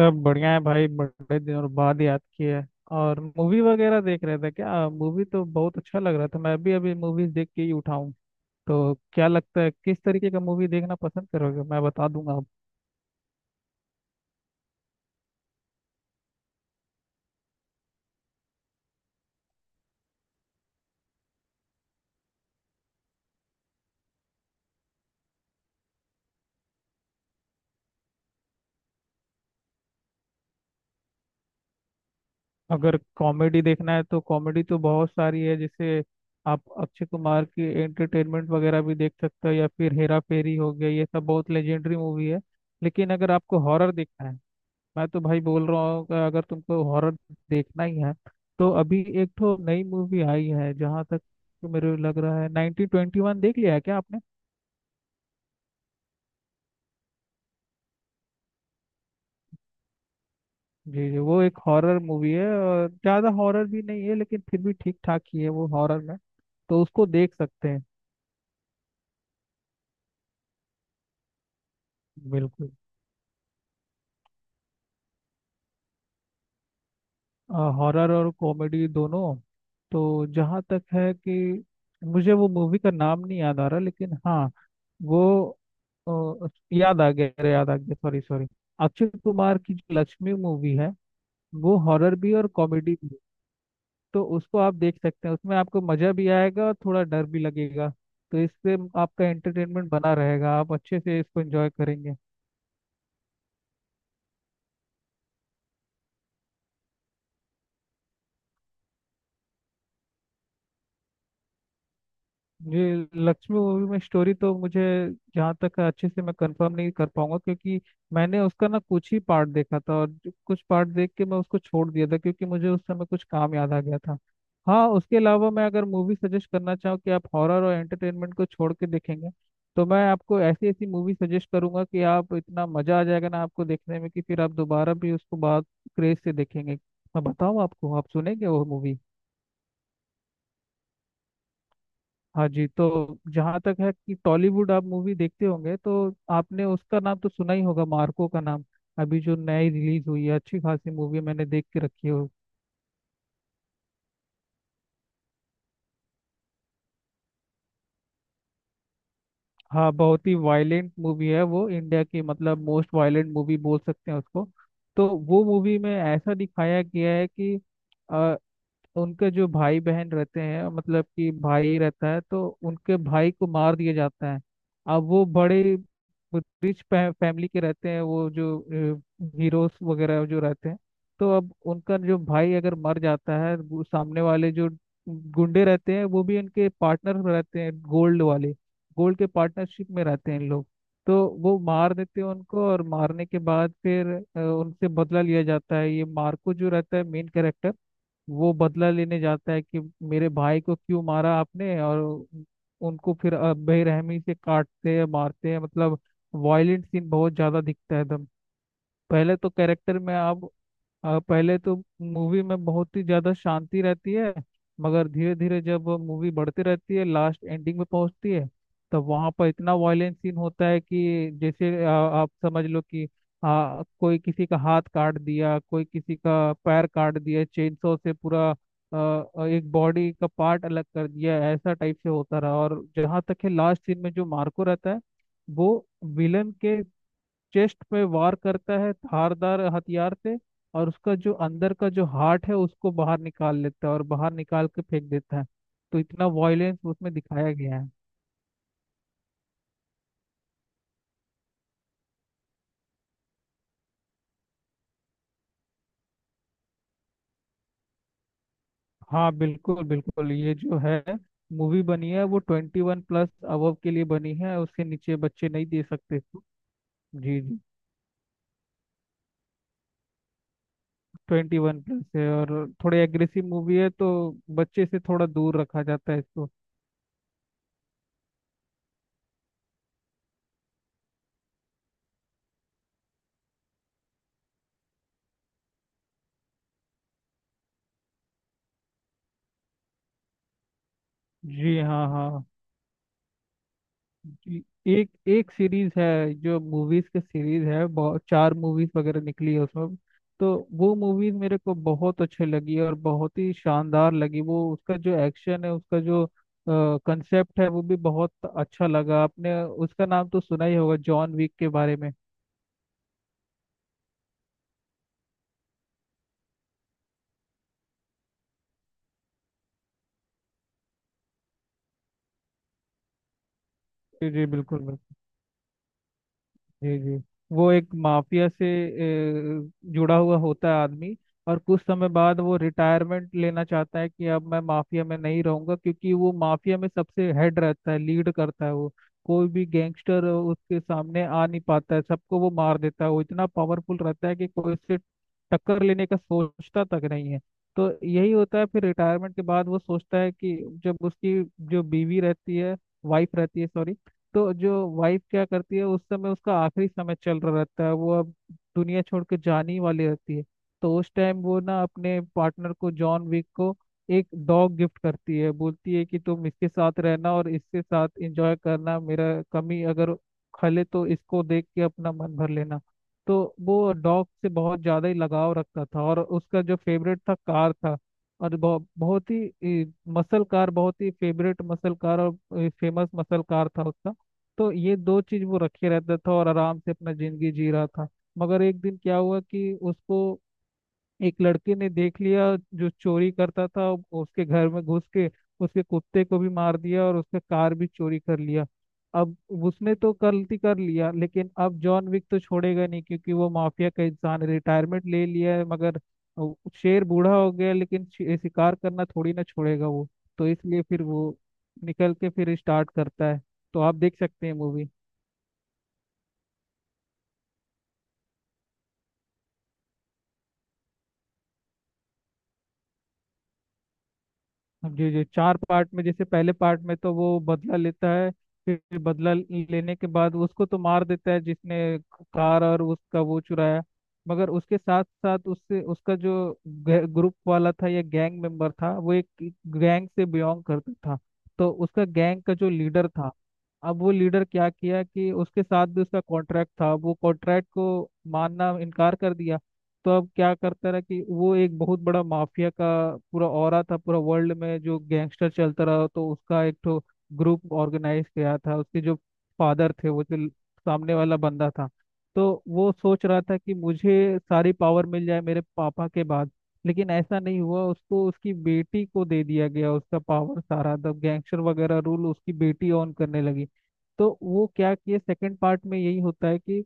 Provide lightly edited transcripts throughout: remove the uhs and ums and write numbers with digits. सब बढ़िया है भाई। बड़े दिनों बाद याद किया है। और मूवी वगैरह देख रहे थे क्या? मूवी तो बहुत अच्छा लग रहा था। मैं अभी अभी मूवीज देख के ही उठाऊं। तो क्या लगता है किस तरीके का मूवी देखना पसंद करोगे? मैं बता दूंगा आप। अगर कॉमेडी देखना है तो कॉमेडी तो बहुत सारी है। जैसे आप अक्षय कुमार की एंटरटेनमेंट वगैरह भी देख सकते हो, या फिर हेरा फेरी हो गया, ये सब बहुत लेजेंडरी मूवी है। लेकिन अगर आपको हॉरर देखना है। मैं तो भाई बोल रहा हूँ कि अगर तुमको हॉरर देखना ही है तो अभी एक ठो नई मूवी आई है। जहाँ तक तो मेरे लग रहा है, 1921 देख लिया है क्या आपने? जी जी, वो एक हॉरर मूवी है, और ज़्यादा हॉरर भी नहीं है लेकिन फिर भी ठीक ठाक ही है वो हॉरर में। तो उसको देख सकते हैं। बिल्कुल। हॉरर और कॉमेडी दोनों। तो जहाँ तक है कि मुझे वो मूवी का नाम नहीं याद आ रहा, लेकिन हाँ वो याद आ गया। अरे याद आ गया, सॉरी सॉरी। अक्षय कुमार की जो लक्ष्मी मूवी है वो हॉरर भी और कॉमेडी भी है। तो उसको आप देख सकते हैं। उसमें आपको मजा भी आएगा और थोड़ा डर भी लगेगा। तो इससे आपका एंटरटेनमेंट बना रहेगा, आप अच्छे से इसको एंजॉय करेंगे। ये लक्ष्मी मूवी में स्टोरी तो मुझे जहाँ तक है अच्छे से मैं कंफर्म नहीं कर पाऊंगा, क्योंकि मैंने उसका ना कुछ ही पार्ट देखा था। और कुछ पार्ट देख के मैं उसको छोड़ दिया था, क्योंकि मुझे उस समय कुछ काम याद आ गया था। हाँ उसके अलावा मैं अगर मूवी सजेस्ट करना चाहूँ कि आप हॉरर और एंटरटेनमेंट को छोड़ के देखेंगे, तो मैं आपको ऐसी ऐसी मूवी सजेस्ट करूंगा कि आप इतना मजा आ जाएगा ना आपको देखने में कि फिर आप दोबारा भी उसको बहुत क्रेज से देखेंगे। मैं बताऊँ आपको, आप सुनेंगे वो मूवी? हाँ जी। तो जहाँ तक है कि टॉलीवुड आप मूवी देखते होंगे तो आपने उसका नाम तो सुना ही होगा, मार्को का नाम। अभी जो नई रिलीज हुई है, अच्छी खासी मूवी मैंने देख के रखी है। हाँ बहुत ही वायलेंट मूवी है वो, इंडिया की मतलब मोस्ट वायलेंट मूवी बोल सकते हैं उसको। तो वो मूवी में ऐसा दिखाया गया है कि उनके जो भाई बहन रहते हैं, मतलब कि भाई रहता है, तो उनके भाई को मार दिया जाता है। अब वो बड़े रिच फैमिली के रहते हैं, वो जो हीरोज वगैरह जो रहते हैं। तो अब उनका जो भाई अगर मर जाता है, वो सामने वाले जो गुंडे रहते हैं वो भी उनके पार्टनर रहते हैं, गोल्ड वाले। गोल्ड के पार्टनरशिप में रहते हैं इन लोग। तो वो मार देते हैं उनको, और मारने के बाद फिर उनसे बदला लिया जाता है। ये मार्को जो रहता है मेन कैरेक्टर, वो बदला लेने जाता है कि मेरे भाई को क्यों मारा आपने। और उनको फिर बेरहमी से काटते हैं, मारते हैं, मतलब वायलेंट सीन बहुत ज्यादा दिखता है एकदम। पहले तो कैरेक्टर में आप पहले तो मूवी में बहुत ही ज्यादा शांति रहती है। मगर धीरे धीरे जब मूवी बढ़ती रहती है, लास्ट एंडिंग में पहुंचती है, तब वहां पर इतना वायलेंट सीन होता है कि जैसे आप समझ लो कि कोई किसी का हाथ काट दिया, कोई किसी का पैर काट दिया, चेनसो से पूरा अ, एक बॉडी का पार्ट अलग कर दिया। ऐसा टाइप से होता रहा। और जहाँ तक है लास्ट सीन में जो मार्को रहता है वो विलन के चेस्ट पे वार करता है धारदार हथियार से, और उसका जो अंदर का जो हार्ट है उसको बाहर निकाल लेता है और बाहर निकाल के फेंक देता है। तो इतना वायलेंस उसमें दिखाया गया है। हाँ बिल्कुल बिल्कुल। ये जो है मूवी बनी है वो 21+ अबव के लिए बनी है, उससे नीचे बच्चे नहीं दे सकते इसको। जी जी। 21+ है, और थोड़ी एग्रेसिव मूवी है तो बच्चे से थोड़ा दूर रखा जाता है इसको। जी हाँ हाँ। जी, एक एक सीरीज है जो मूवीज के सीरीज है, बहुत चार मूवीज वगैरह निकली है उसमें। तो वो मूवीज मेरे को बहुत अच्छी लगी और बहुत ही शानदार लगी। वो उसका जो एक्शन है, उसका जो कंसेप्ट है वो भी बहुत अच्छा लगा। आपने उसका नाम तो सुना ही होगा, जॉन विक के बारे में। जी जी, बिल्कुल बिल्कुल। जी जी। वो एक माफिया से जुड़ा हुआ होता है आदमी। और कुछ समय बाद वो रिटायरमेंट लेना चाहता है कि अब मैं माफिया में नहीं रहूंगा। क्योंकि वो माफिया में सबसे हेड रहता है, लीड करता है वो। कोई भी गैंगस्टर उसके सामने आ नहीं पाता है, सबको वो मार देता है। वो इतना पावरफुल रहता है कि कोई उससे टक्कर लेने का सोचता तक नहीं है। तो यही होता है फिर रिटायरमेंट के बाद वो सोचता है कि जब उसकी जो बीवी रहती है, वाइफ रहती है सॉरी, तो जो वाइफ क्या करती है उस समय उसका आखिरी समय चल रहा रहता है, वो अब दुनिया छोड़ के जाने ही वाली रहती है। तो उस टाइम वो ना अपने पार्टनर को, जॉन विक को, एक डॉग गिफ्ट करती है। बोलती है कि तुम इसके साथ रहना और इसके साथ एंजॉय करना, मेरा कमी अगर खले तो इसको देख के अपना मन भर लेना। तो वो डॉग से बहुत ज़्यादा ही लगाव रखता था और उसका जो फेवरेट था कार था। और बहुत बहुत ही मसल कार, बहुत ही फेवरेट मसल कार और फेमस मसल कार था उसका। तो ये दो चीज वो रखे रहता था और आराम से अपना जिंदगी जी रहा था। मगर एक दिन क्या हुआ कि उसको एक लड़के ने देख लिया जो चोरी करता था। उसके घर में घुस के उसके कुत्ते को भी मार दिया और उसका कार भी चोरी कर लिया। अब उसने तो गलती कर लिया, लेकिन अब जॉन विक तो छोड़ेगा नहीं, क्योंकि वो माफिया का इंसान है, रिटायरमेंट ले लिया है मगर वो शेर बूढ़ा हो गया लेकिन शिकार करना थोड़ी ना छोड़ेगा वो। तो इसलिए फिर वो निकल के फिर स्टार्ट करता है। तो आप देख सकते हैं मूवी। जी जी। चार पार्ट में, जैसे पहले पार्ट में तो वो बदला लेता है। फिर बदला लेने के बाद उसको तो मार देता है जिसने कार और उसका वो चुराया। मगर उसके साथ साथ उससे उसका जो ग्रुप वाला था या गैंग मेंबर था, वो एक गैंग से बिलोंग करता था। तो उसका गैंग का जो लीडर था, अब वो लीडर क्या किया कि उसके साथ भी उसका कॉन्ट्रैक्ट था, वो कॉन्ट्रैक्ट को मानना इनकार कर दिया। तो अब क्या करता रहा कि वो एक बहुत बड़ा माफिया का पूरा ऑरा था, पूरा वर्ल्ड में जो गैंगस्टर चलता रहा, तो उसका एक तो ग्रुप ऑर्गेनाइज किया था उसके जो फादर थे, वो जो सामने वाला बंदा था। तो वो सोच रहा था कि मुझे सारी पावर मिल जाए मेरे पापा के बाद। लेकिन ऐसा नहीं हुआ, उसको उसकी बेटी को दे दिया गया, उसका पावर सारा, द गैंगस्टर वगैरह रूल उसकी बेटी ऑन करने लगी। तो वो क्या किए सेकंड पार्ट में यही होता है कि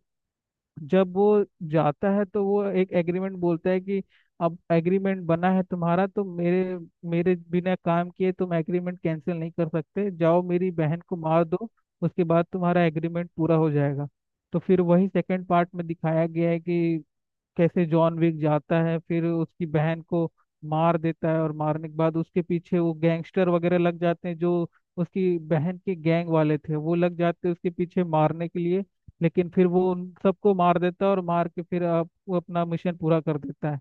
जब वो जाता है तो वो एक एग्रीमेंट बोलता है कि अब एग्रीमेंट बना है तुम्हारा, तो मेरे मेरे बिना काम किए तुम एग्रीमेंट कैंसिल नहीं कर सकते। जाओ मेरी बहन को मार दो, उसके बाद तुम्हारा एग्रीमेंट पूरा हो जाएगा। तो फिर वही सेकंड पार्ट में दिखाया गया है कि कैसे जॉन विक जाता है फिर उसकी बहन को मार देता है। और मारने के बाद उसके पीछे वो गैंगस्टर वगैरह लग जाते हैं जो उसकी बहन के गैंग वाले थे, वो लग जाते हैं उसके पीछे मारने के लिए। लेकिन फिर वो उन सबको मार देता है और मार के फिर आप वो अपना मिशन पूरा कर देता है।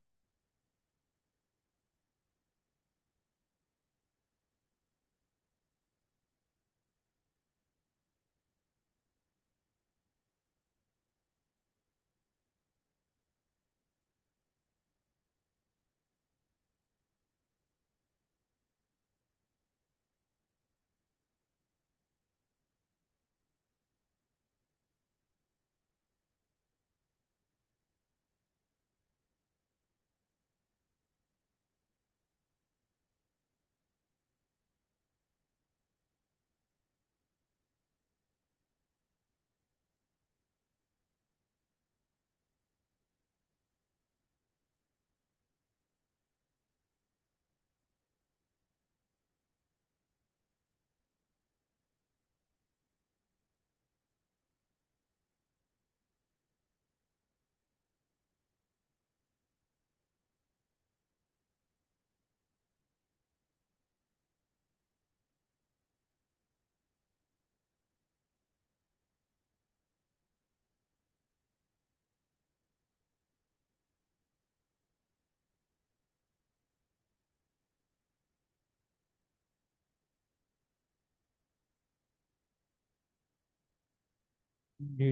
जी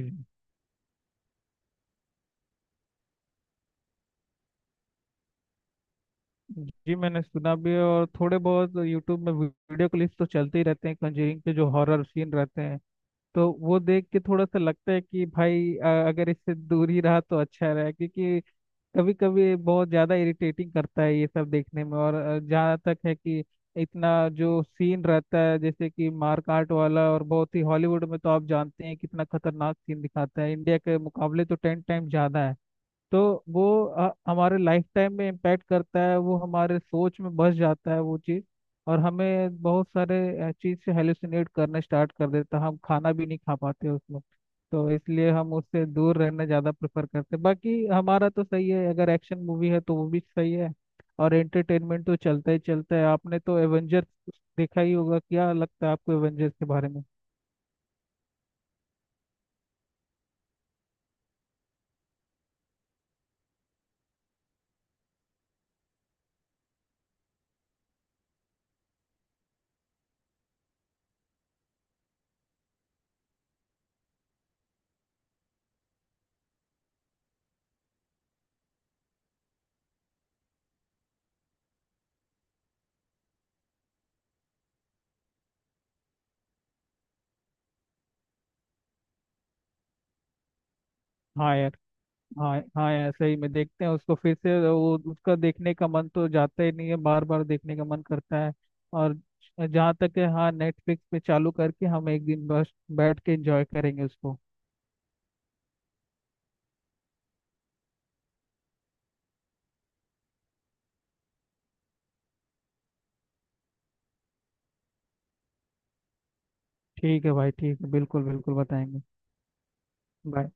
जी। जी, मैंने सुना भी है। और थोड़े बहुत यूट्यूब में वीडियो क्लिप्स तो चलते ही रहते हैं कंजरिंग के जो हॉरर सीन रहते हैं। तो वो देख के थोड़ा सा लगता है कि भाई अगर इससे दूर ही रहा तो अच्छा रहा, क्योंकि कभी कभी बहुत ज्यादा इरिटेटिंग करता है ये सब देखने में। और जहाँ तक है कि इतना जो सीन रहता है जैसे कि मारकाट वाला, और बहुत ही हॉलीवुड में तो आप जानते हैं कितना खतरनाक सीन दिखाता है, इंडिया के मुकाबले तो 10 टाइम ज्यादा है। तो वो हमारे लाइफ टाइम में इम्पैक्ट करता है, वो हमारे सोच में बस जाता है वो चीज़। और हमें बहुत सारे चीज़ से हेलुसिनेट करने स्टार्ट कर देता है, हम खाना भी नहीं खा पाते उसमें। तो इसलिए हम उससे दूर रहना ज़्यादा प्रेफर करते हैं। बाकी हमारा तो सही है, अगर एक्शन मूवी है तो वो भी सही है। और एंटरटेनमेंट तो चलता ही चलता है। आपने तो एवेंजर्स देखा ही होगा, क्या लगता है आपको एवेंजर्स के बारे में? हाँ यार। हाँ हाँ, ऐसे ही में देखते हैं उसको फिर से। वो उसका देखने का मन तो जाता ही नहीं है, बार बार देखने का मन करता है। और जहाँ तक है हाँ, नेटफ्लिक्स पे चालू करके हम एक दिन बस बैठ के एंजॉय करेंगे उसको। ठीक है भाई, ठीक है, बिल्कुल बिल्कुल बताएंगे। बाय।